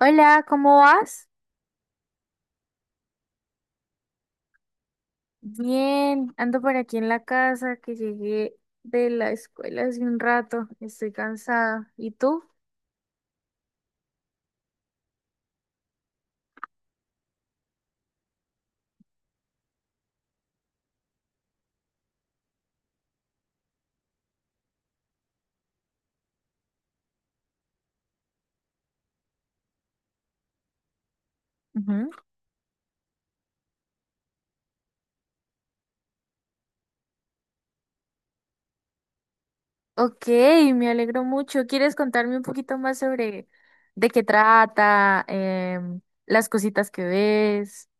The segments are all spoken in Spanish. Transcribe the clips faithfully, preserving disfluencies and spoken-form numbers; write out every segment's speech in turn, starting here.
Hola, ¿cómo vas? Bien, ando por aquí en la casa que llegué de la escuela hace un rato. Estoy cansada. ¿Y tú? Ujú. Ok, me alegro mucho. ¿Quieres contarme un poquito más sobre de qué trata, em, las cositas que ves?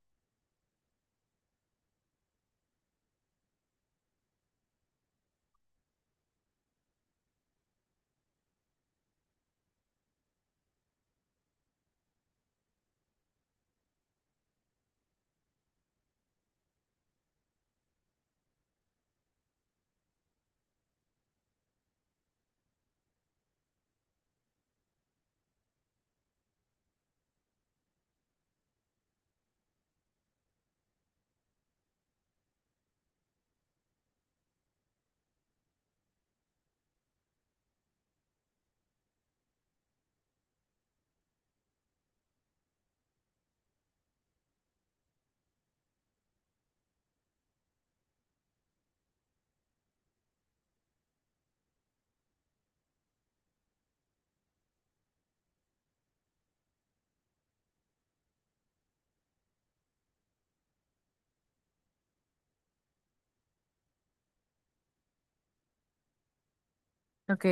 Ok.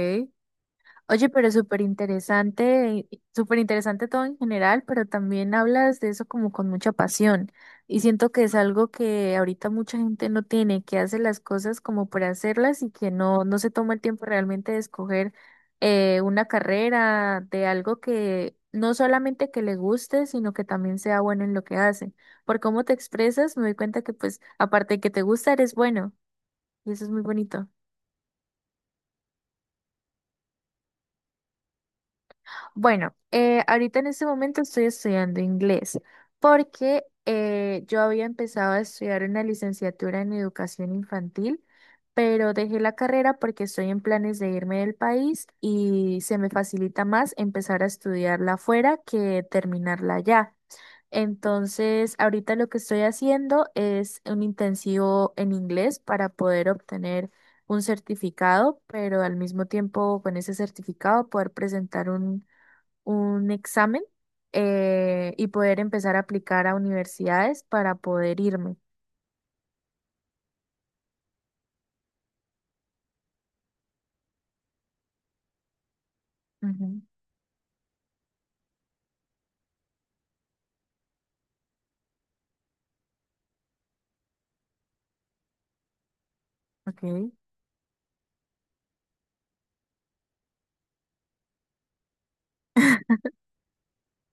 Oye, pero súper interesante, y- súper interesante todo en general, pero también hablas de eso como con mucha pasión. Y siento que es algo que ahorita mucha gente no tiene, que hace las cosas como por hacerlas y que no, no se toma el tiempo realmente de escoger eh, una carrera de algo que no solamente que le guste, sino que también sea bueno en lo que hace. Por cómo te expresas, me doy cuenta que pues aparte de que te gusta, eres bueno. Y eso es muy bonito. Bueno, eh, ahorita en este momento estoy estudiando inglés porque eh, yo había empezado a estudiar una licenciatura en educación infantil, pero dejé la carrera porque estoy en planes de irme del país y se me facilita más empezar a estudiarla afuera que terminarla allá. Entonces, ahorita lo que estoy haciendo es un intensivo en inglés para poder obtener un certificado, pero al mismo tiempo con ese certificado poder presentar un un examen, eh, y poder empezar a aplicar a universidades para poder irme. Ujú. Ok.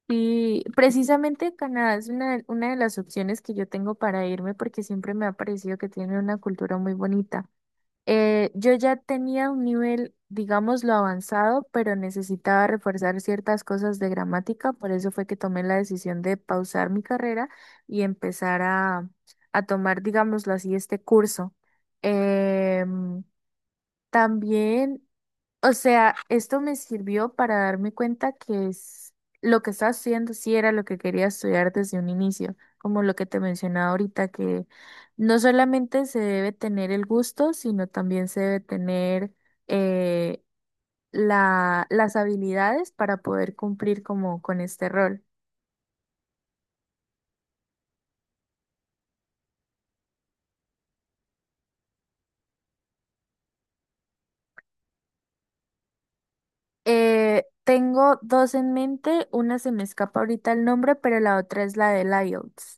Y precisamente Canadá es una, de- una de las opciones que yo tengo para irme porque siempre me ha parecido que tiene una cultura muy bonita. Eh, yo ya tenía un nivel, digámoslo, avanzado, pero necesitaba reforzar ciertas cosas de gramática, por eso fue que tomé la decisión de pausar mi carrera y empezar a, a tomar, digámoslo así, este curso. Em, también, o sea, esto me sirvió para darme cuenta que es lo que estaba estudiando sí era lo que quería estudiar desde un inicio, como lo que te mencionaba ahorita, que no solamente se debe tener el gusto, sino también se debe tener eh, la, las habilidades para poder cumplir como con este rol. Eh, tengo dos en mente, una se me escapa ahorita el nombre, pero la otra es la de I E L T S.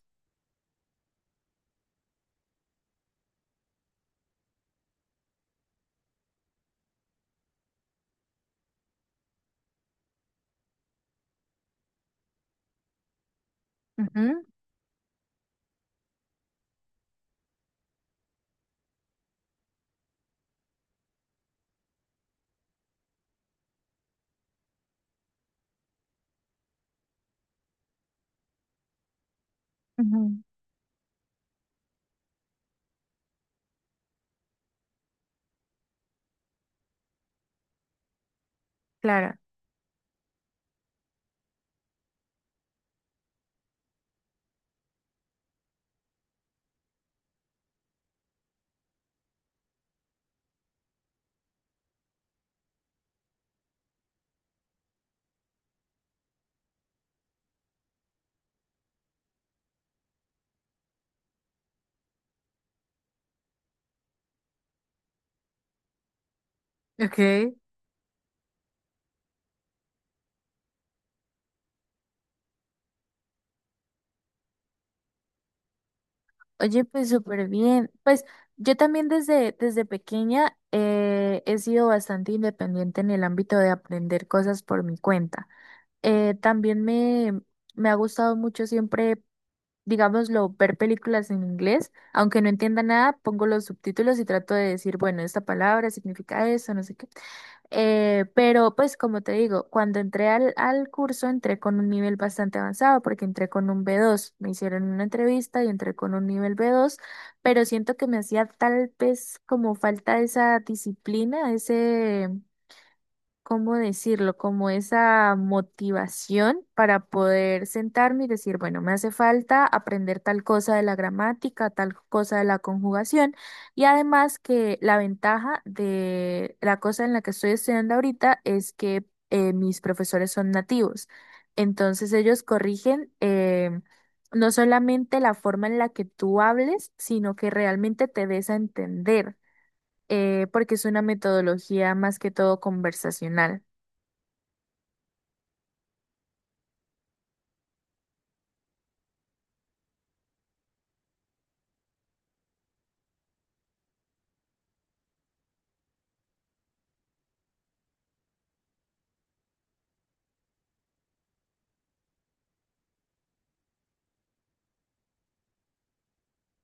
Ujú. Ujú. Clara. Ok. Oye, pues súper bien. Pues yo también desde, desde pequeña, eh, he sido bastante independiente en el ámbito de aprender cosas por mi cuenta. Eh, también me, me ha gustado mucho siempre, digámoslo, ver películas en inglés, aunque no entienda nada, pongo los subtítulos y trato de decir, bueno, esta palabra significa eso, no sé qué. Eh, pero pues como te digo, cuando entré al, al curso entré con un nivel bastante avanzado porque entré con un b dos, me hicieron una entrevista y entré con un nivel b dos, pero siento que me hacía tal vez como falta esa disciplina, ese, ¿cómo decirlo? Como esa motivación para poder sentarme y decir, bueno, me hace falta aprender tal cosa de la gramática, tal cosa de la conjugación. Y además que la ventaja de la cosa en la que estoy estudiando ahorita es que, eh, mis profesores son nativos. Entonces ellos corrigen, eh, no solamente la forma en la que tú hables, sino que realmente te des a entender, eh, porque es una metodología más que todo conversacional.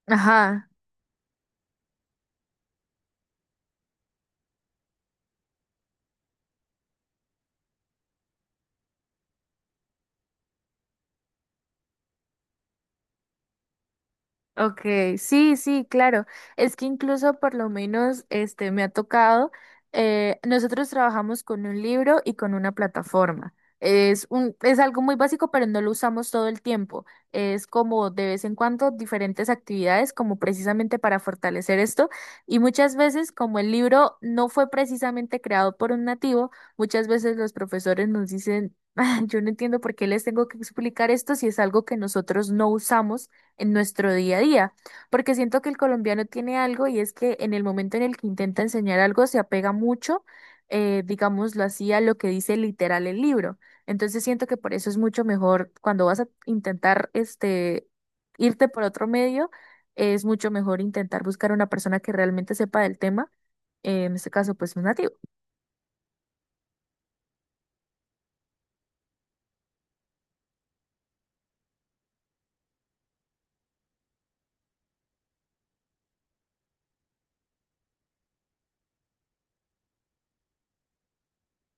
Ajá, okay, sí, sí, claro. Es que incluso por lo menos este me ha tocado, eh, nosotros trabajamos con un libro y con una plataforma. Es un, es algo muy básico, pero no lo usamos todo el tiempo. Es como de vez en cuando diferentes actividades, como precisamente para fortalecer esto. Y muchas veces, como el libro no fue precisamente creado por un nativo, muchas veces los profesores nos dicen, "Ah, yo no entiendo por qué les tengo que explicar esto si es algo que nosotros no usamos en nuestro día a día, porque siento que el colombiano tiene algo y es que en el momento en el que intenta enseñar algo se apega mucho, eh, digámoslo así, a lo que dice literal el libro. Entonces siento que por eso es mucho mejor cuando vas a intentar este irte por otro medio, es mucho mejor intentar buscar una persona que realmente sepa del tema, eh, en este caso pues un nativo.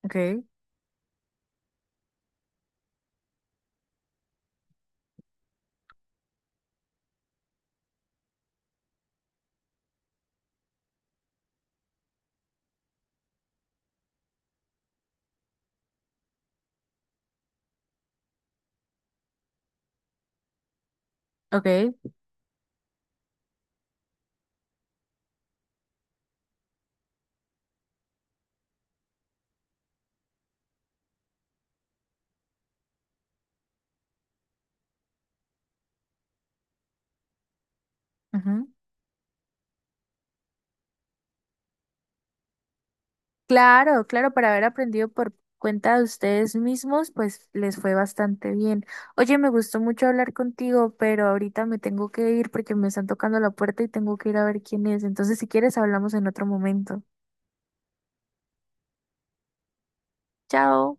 Okay, okay. Claro, claro, para haber aprendido por cuenta de ustedes mismos, pues les fue bastante bien. Oye, me gustó mucho hablar contigo, pero ahorita me tengo que ir porque me están tocando la puerta y tengo que ir a ver quién es. Entonces, si quieres, hablamos en otro momento. Chao.